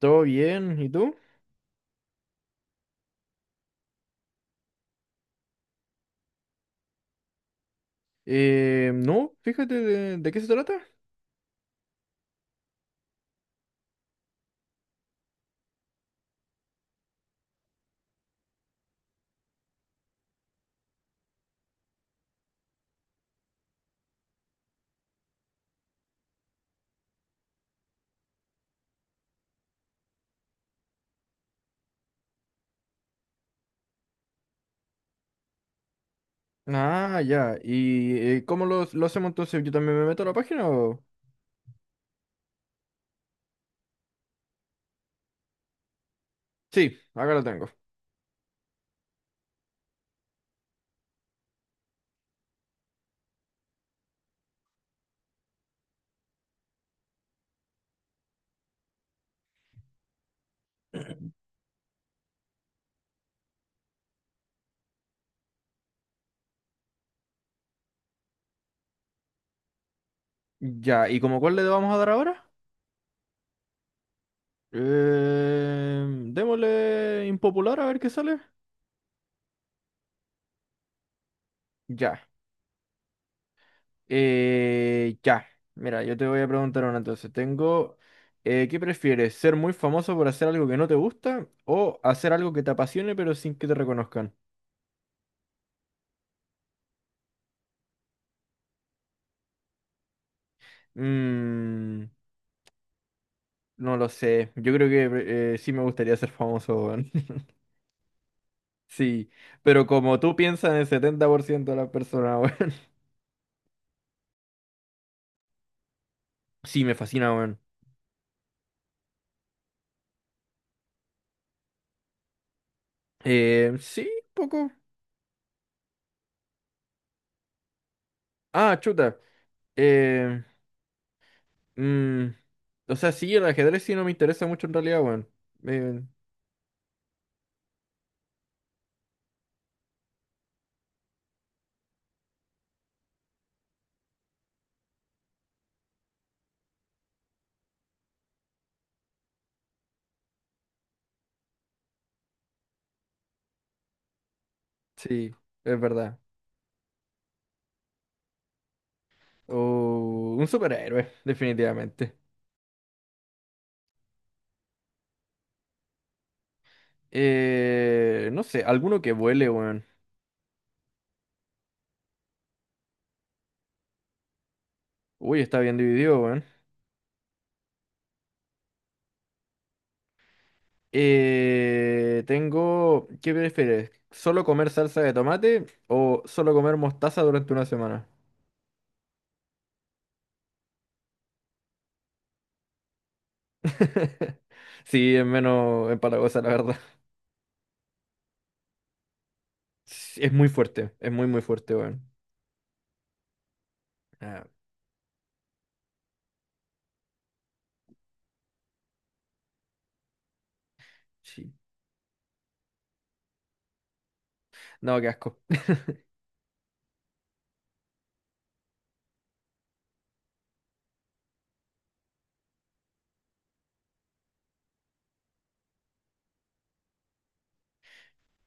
¿Todo bien? ¿Y tú? No, fíjate, de qué se trata. Ah, ya. ¿Y cómo lo hacemos entonces? ¿Yo también me meto a la página o...? Sí, acá lo tengo. Ya, ¿y como cuál le vamos a dar ahora? Eh, Démosle impopular a ver qué sale. Ya. Eh, ya. Mira, yo te voy a preguntar una entonces. ¿Qué prefieres? ¿Ser muy famoso por hacer algo que no te gusta o hacer algo que te apasione pero sin que te reconozcan? Mmm... No lo sé. Yo creo que sí me gustaría ser famoso, weón. Sí, pero como tú piensas en el 70% de las personas, weón. Sí, me fascina, weón. Sí, un poco. Ah, chuta. Eh, mm, o sea, sí, el ajedrez sí no me interesa mucho en realidad, weón. Eh, sí, es verdad. O un superhéroe, definitivamente. No sé, alguno que vuele, weón. Uy, está bien dividido, weón. Tengo, ¿qué prefieres? ¿Solo comer salsa de tomate o solo comer mostaza durante una semana? Sí, es menos empalagosa, la verdad. Sí, es muy fuerte, es muy fuerte, weón. Ah, sí. No, qué asco.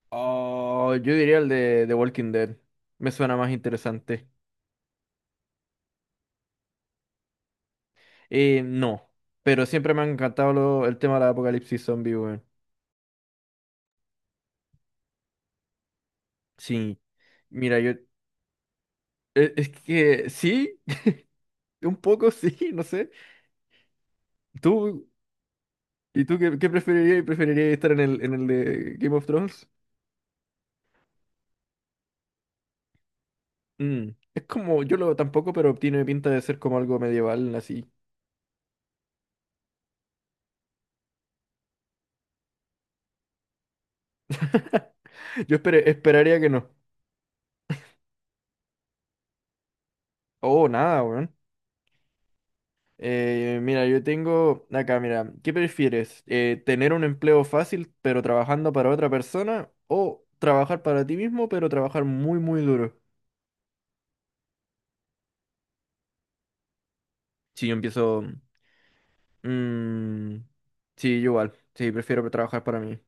Oh, yo diría el de Walking Dead. Me suena más interesante. No, pero siempre me ha encantado el tema del apocalipsis zombie, weón. Sí. Mira, yo... Es que sí, un poco sí, no sé. ¿Tú? ¿Y tú qué preferirías? ¿Preferirías estar en en el de Game of Thrones? Mm. Es como, yo lo tampoco, pero tiene pinta de ser como algo medieval, así. Esperaría que no. Oh, nada, weón. Mira, yo tengo acá, mira, ¿qué prefieres? ¿Tener un empleo fácil pero trabajando para otra persona? ¿O trabajar para ti mismo pero trabajar muy duro? Sí, yo empiezo... mm, sí, yo igual. Sí, prefiero trabajar para mí.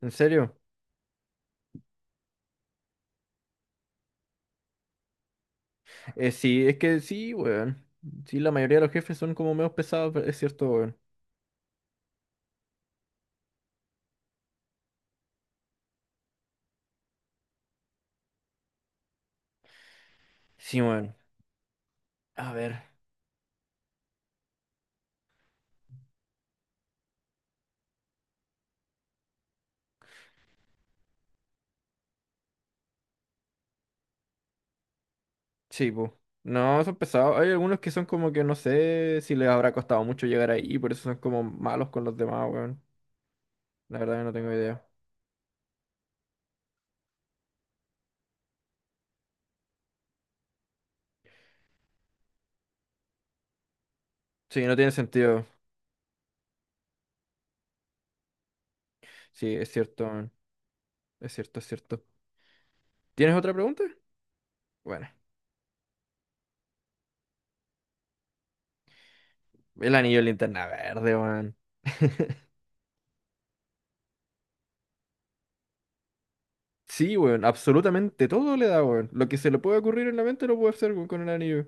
¿En serio? Sí, es que sí, weón. Sí, la mayoría de los jefes son como menos pesados, pero es cierto, weón. Sí, weón. A ver. Sí, pues. No, son pesados. Hay algunos que son como que no sé si les habrá costado mucho llegar ahí, por eso son como malos con los demás, weón. La verdad que no tengo idea. Sí, no tiene sentido. Sí, es cierto, weón. Es cierto, es cierto. ¿Tienes otra pregunta? Bueno. El anillo de linterna verde, weón. Sí, weón. Absolutamente todo le da, weón. Lo que se le puede ocurrir en la mente lo puede hacer, weón, con el anillo.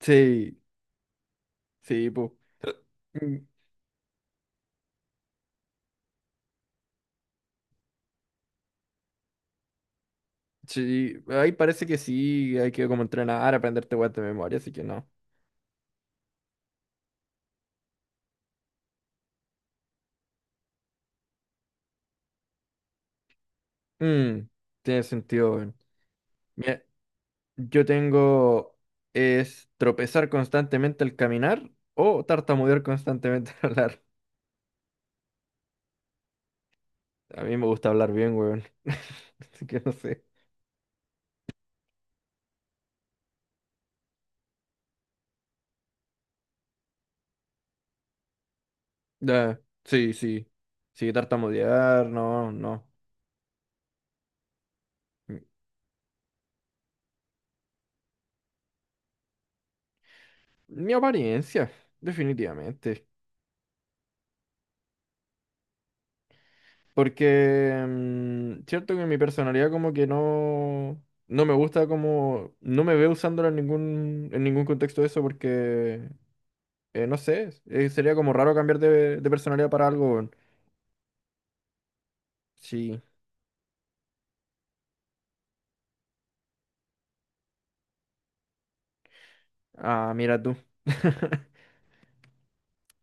Sí, sí, pues. Mm, Sí, ahí parece que sí, hay que como entrenar, aprenderte weas de memoria, así que no. Mm, Tiene sentido, weón. Mira, yo tengo es tropezar constantemente al caminar o tartamudear constantemente al hablar. A mí me gusta hablar bien, weón. Así que no sé. Ya, sí, sí. Sí, tartamudear, no, no. Mi Mi apariencia, definitivamente. Porque, cierto que mi personalidad como que no, no me gusta como, no me veo usándola en ningún contexto de eso porque, no sé, sería como raro cambiar de personalidad para algo, weón. Sí. Ah, mira tú.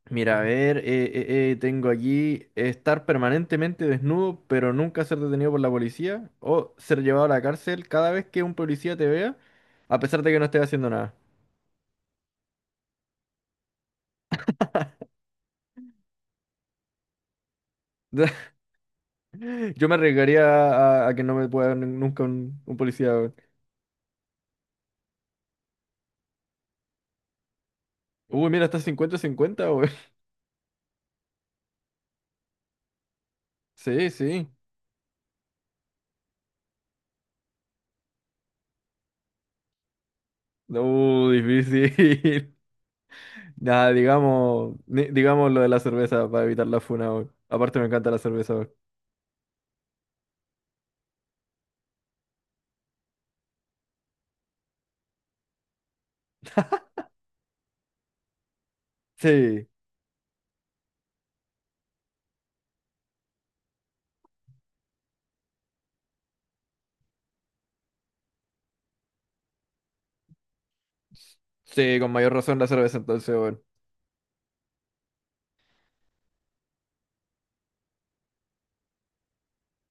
Mira, a ver, tengo aquí estar permanentemente desnudo pero nunca ser detenido por la policía o ser llevado a la cárcel cada vez que un policía te vea a pesar de que no estés haciendo nada. Yo me arriesgaría a que no me pueda nunca un policía, weón. Uy, mira, está 50 cincuenta, weón. Sí, sí. Difícil. Nada, digamos, digamos lo de la cerveza para evitar la funa, weón. Aparte me encanta la cerveza, weón. Sí. Sí, con mayor razón la cerveza entonces, weón.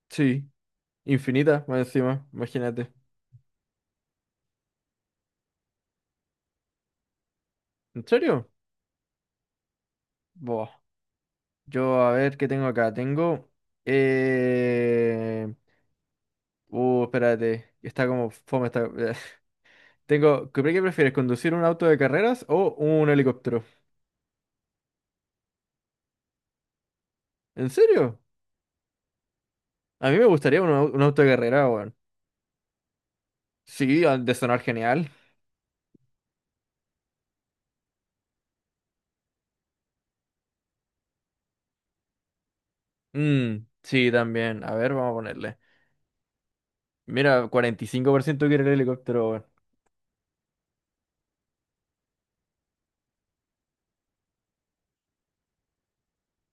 Sí. Infinita, más encima, imagínate. ¿En serio? Buah. Yo, a ver, ¿qué tengo acá? Eh... Espérate. Está como fome esta... Tengo, qué prefieres? ¿Conducir un auto de carreras o un helicóptero? ¿En serio? A mí me gustaría un auto de carrera, weón. Sí, ha de sonar genial. Mm, sí, también. A ver, vamos a ponerle. Mira, 45% quiere el helicóptero, weón.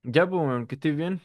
Ya, pues, weón, que estés bien.